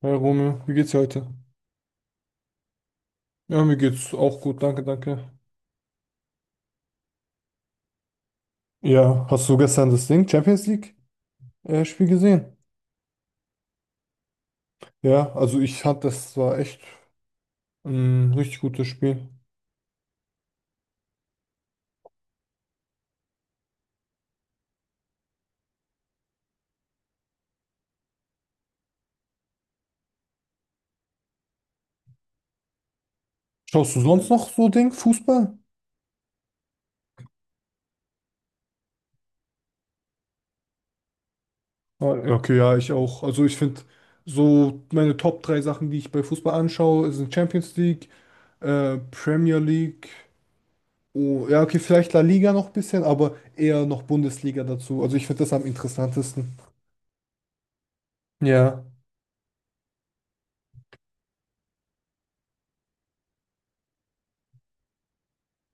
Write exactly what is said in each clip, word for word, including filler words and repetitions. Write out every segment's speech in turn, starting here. Hey Romeo, wie geht's dir heute? Ja, mir geht's auch gut, danke, danke. Ja, hast du gestern das Ding, Champions League äh, Spiel gesehen? Ja, also ich fand, das war echt ein richtig gutes Spiel. Schaust du sonst noch so Ding, Fußball? Ah, ja, okay, ja, ich auch. Also ich finde so meine Top drei Sachen, die ich bei Fußball anschaue, sind Champions League, äh, Premier League. Oh, ja, okay, vielleicht La Liga noch ein bisschen, aber eher noch Bundesliga dazu. Also ich finde das am interessantesten. Ja.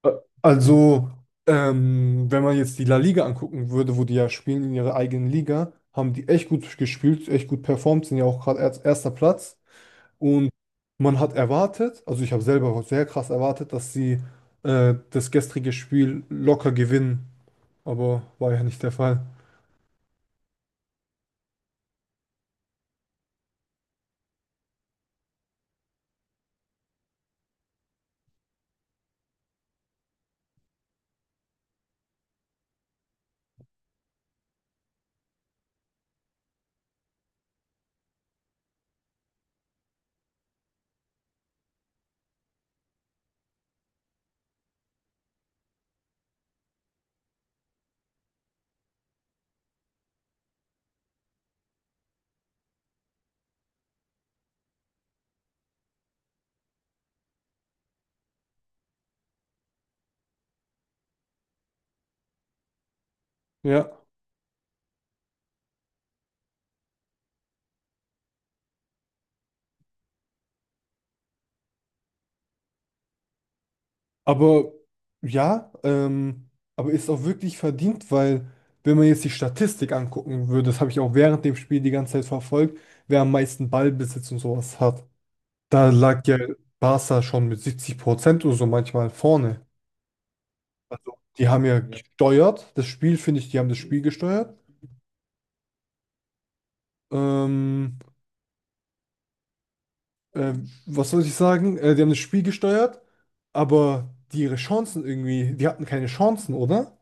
Äh, Also, ähm, wenn man jetzt die La Liga angucken würde, wo die ja spielen in ihrer eigenen Liga, haben die echt gut gespielt, echt gut performt, sind ja auch gerade erst- erster Platz. Und man hat erwartet, also ich habe selber sehr krass erwartet, dass sie äh, das gestrige Spiel locker gewinnen, aber war ja nicht der Fall. Ja. Aber ja, ähm, aber ist auch wirklich verdient, weil wenn man jetzt die Statistik angucken würde, das habe ich auch während dem Spiel die ganze Zeit verfolgt, wer am meisten Ballbesitz und sowas hat, da lag ja Barca schon mit siebzig Prozent oder so manchmal vorne. Also die haben ja, ja, gesteuert, das Spiel, finde ich, die haben das Spiel gesteuert. Ähm, äh, Was soll ich sagen? Äh, die haben das Spiel gesteuert, aber die ihre Chancen irgendwie, die hatten keine Chancen, oder?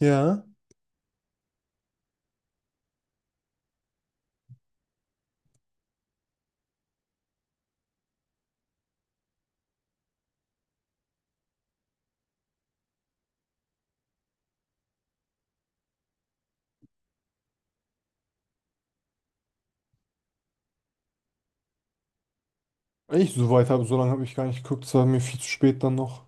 Ja. Ich, so weit habe, so lange habe ich gar nicht geguckt, es war mir viel zu spät dann noch.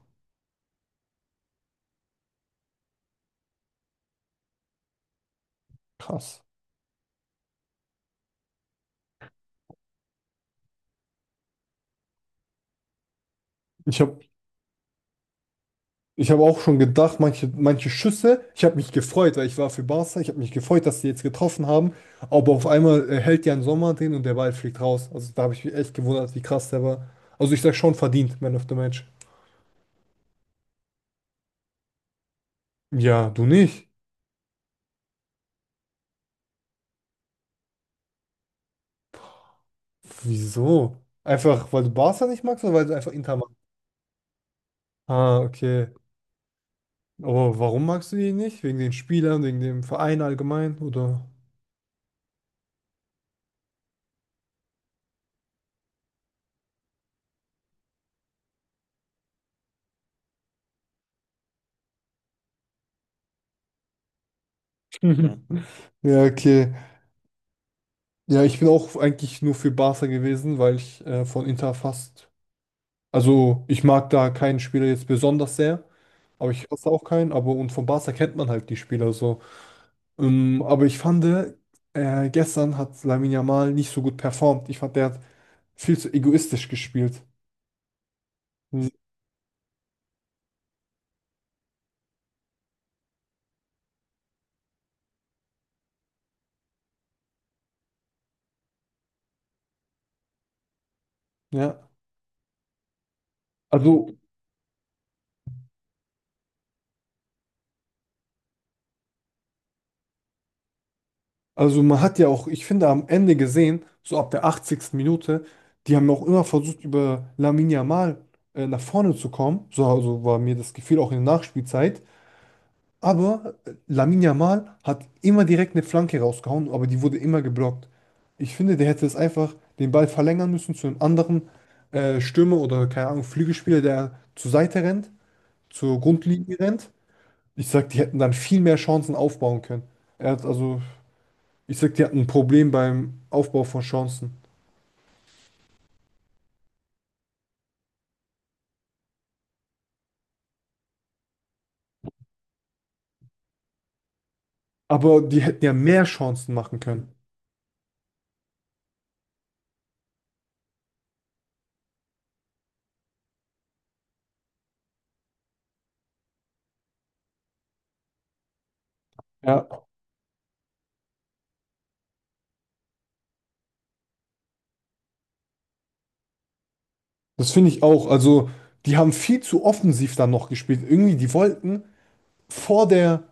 Krass. Ich habe ich hab auch schon gedacht, manche, manche Schüsse, ich habe mich gefreut, weil ich war für Barca, ich habe mich gefreut, dass die jetzt getroffen haben, aber auf einmal äh, hält Jan Sommer den und der Ball fliegt raus. Also da habe ich mich echt gewundert, wie krass der war. Also ich sag schon verdient, Man of the Match. Ja, du nicht. Wieso? Einfach, weil du Barca nicht magst oder weil du einfach Inter magst? Ah, okay. Aber warum magst du die nicht? Wegen den Spielern, wegen dem Verein allgemein, oder? Ja, okay. Ja, ich bin auch eigentlich nur für Barca gewesen, weil ich äh, von Inter fast. Also, ich mag da keinen Spieler jetzt besonders sehr, aber ich hasse auch keinen. Aber und von Barca kennt man halt die Spieler so. Ähm, aber ich fand, äh, gestern hat Lamine Yamal nicht so gut performt. Ich fand, der hat viel zu egoistisch gespielt. Hm, ja, also Also man hat ja auch, ich finde, am Ende gesehen, so ab der achtzigsten. Minute, die haben auch immer versucht, über Lamine Yamal äh, nach vorne zu kommen. So also war mir das Gefühl auch in der Nachspielzeit. Aber äh, Lamine Yamal hat immer direkt eine Flanke rausgehauen, aber die wurde immer geblockt. Ich finde, der hätte es einfach den Ball verlängern müssen zu einem anderen äh, Stürmer oder, keine Ahnung, Flügelspieler, der zur Seite rennt, zur Grundlinie rennt. Ich sag, die hätten dann viel mehr Chancen aufbauen können. Er hat, also ich sag, die hatten ein Problem beim Aufbau von Chancen. Aber die hätten ja mehr Chancen machen können. Ja, das finde ich auch. Also, die haben viel zu offensiv dann noch gespielt. Irgendwie, die wollten vor der.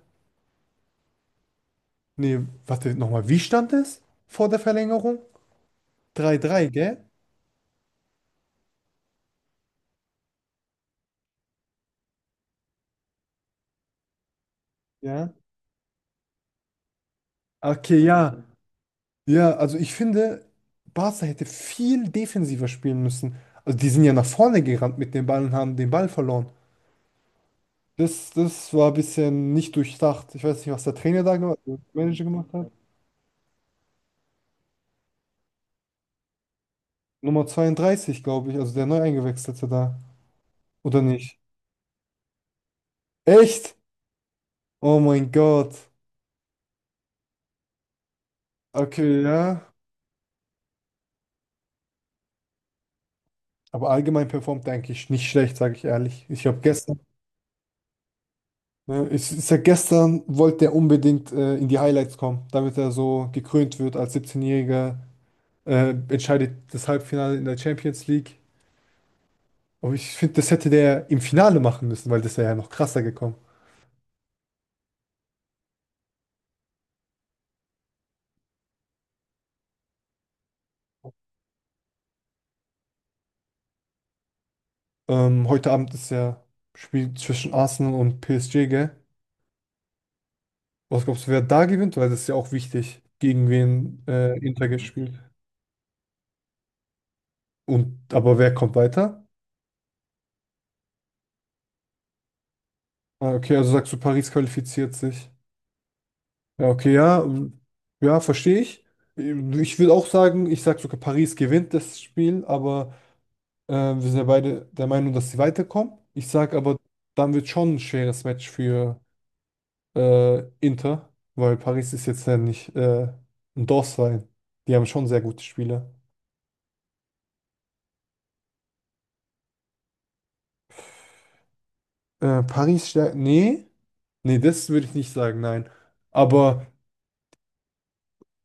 Nee, warte, nochmal. Wie stand es vor der Verlängerung? drei drei, gell? Ja. Okay, ja. Ja, also ich finde, Barca hätte viel defensiver spielen müssen. Also, die sind ja nach vorne gerannt mit dem Ball und haben den Ball verloren. Das, das war ein bisschen nicht durchdacht. Ich weiß nicht, was der Trainer da gemacht, der Manager gemacht hat. Nummer zweiunddreißig, glaube ich, also der neu eingewechselte da. Oder nicht? Echt? Oh mein Gott. Okay, ja. Aber allgemein performt er eigentlich nicht schlecht, sage ich ehrlich. Ich habe gestern, ne, ich, ich sag, gestern wollte er unbedingt äh, in die Highlights kommen, damit er so gekrönt wird als siebzehnjähriger-Jähriger, äh, entscheidet das Halbfinale in der Champions League. Aber ich finde, das hätte der im Finale machen müssen, weil das wäre ja noch krasser gekommen. Ähm, heute Abend ist ja Spiel zwischen Arsenal und P S G, gell? Was glaubst du, wer da gewinnt? Weil das ist ja auch wichtig, gegen wen äh, Inter gespielt. Und aber wer kommt weiter? Ah, okay, also sagst du, Paris qualifiziert sich. Ja, okay, ja, ähm, ja, verstehe ich. Ähm, Ich würde auch sagen, ich sage sogar, Paris gewinnt das Spiel, aber äh, wir sind ja beide der Meinung, dass sie weiterkommen. Ich sage aber, dann wird schon ein schweres Match für äh, Inter, weil Paris ist jetzt ja nicht äh, ein Dorfverein. Die haben schon sehr gute Spieler. Äh, Paris stärkt. Nee, nee, das würde ich nicht sagen, nein. Aber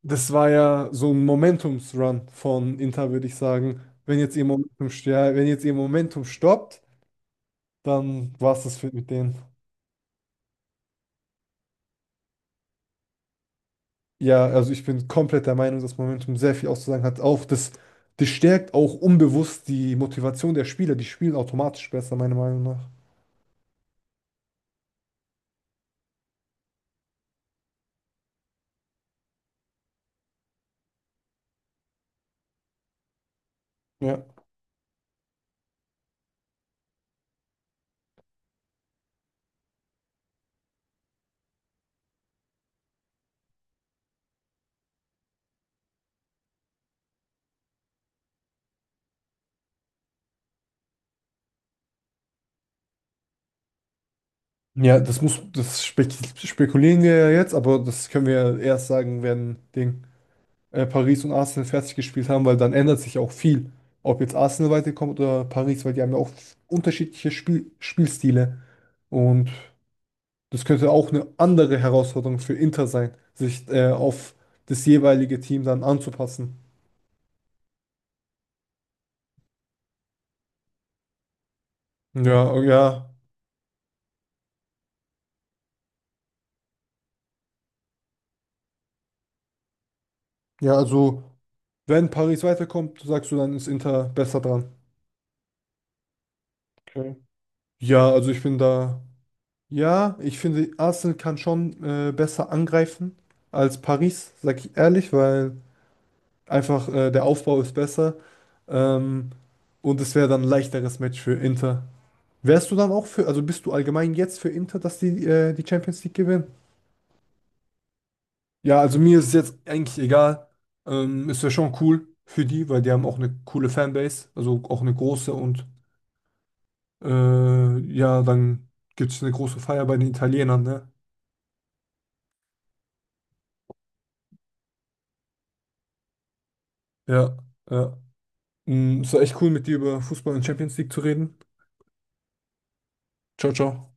das war ja so ein Momentumsrun von Inter, würde ich sagen. Wenn jetzt ihr Momentum, stär- wenn jetzt ihr Momentum stoppt, dann war es das für- mit denen. Ja, also ich bin komplett der Meinung, dass Momentum sehr viel auszusagen hat. Auch das, das stärkt auch unbewusst die Motivation der Spieler. Die spielen automatisch besser, meiner Meinung nach. Ja. Ja, das muss, das spe spekulieren wir ja jetzt, aber das können wir ja erst sagen, wenn Ding, äh, Paris und Arsenal fertig gespielt haben, weil dann ändert sich auch viel. Ob jetzt Arsenal weiterkommt oder Paris, weil die haben ja auch unterschiedliche Spiel Spielstile. Und das könnte auch eine andere Herausforderung für Inter sein, sich äh, auf das jeweilige Team dann anzupassen. Ja, oh ja, ja, also wenn Paris weiterkommt, sagst du, dann ist Inter besser dran. Okay. Ja, also ich bin da. Ja, ich finde, Arsenal kann schon äh, besser angreifen als Paris, sag ich ehrlich, weil einfach äh, der Aufbau ist besser. Ähm, und es wäre dann ein leichteres Match für Inter. Wärst du dann auch für, also bist du allgemein jetzt für Inter, dass die äh, die Champions League gewinnen? Ja, also mir ist es jetzt eigentlich egal. Ähm, es wäre schon cool für die, weil die haben auch eine coole Fanbase, also auch eine große und äh, ja, dann gibt es eine große Feier bei den Italienern, ne? Ja, ja. Mm, es war echt cool, mit dir über Fußball und Champions League zu reden. Ciao, ciao.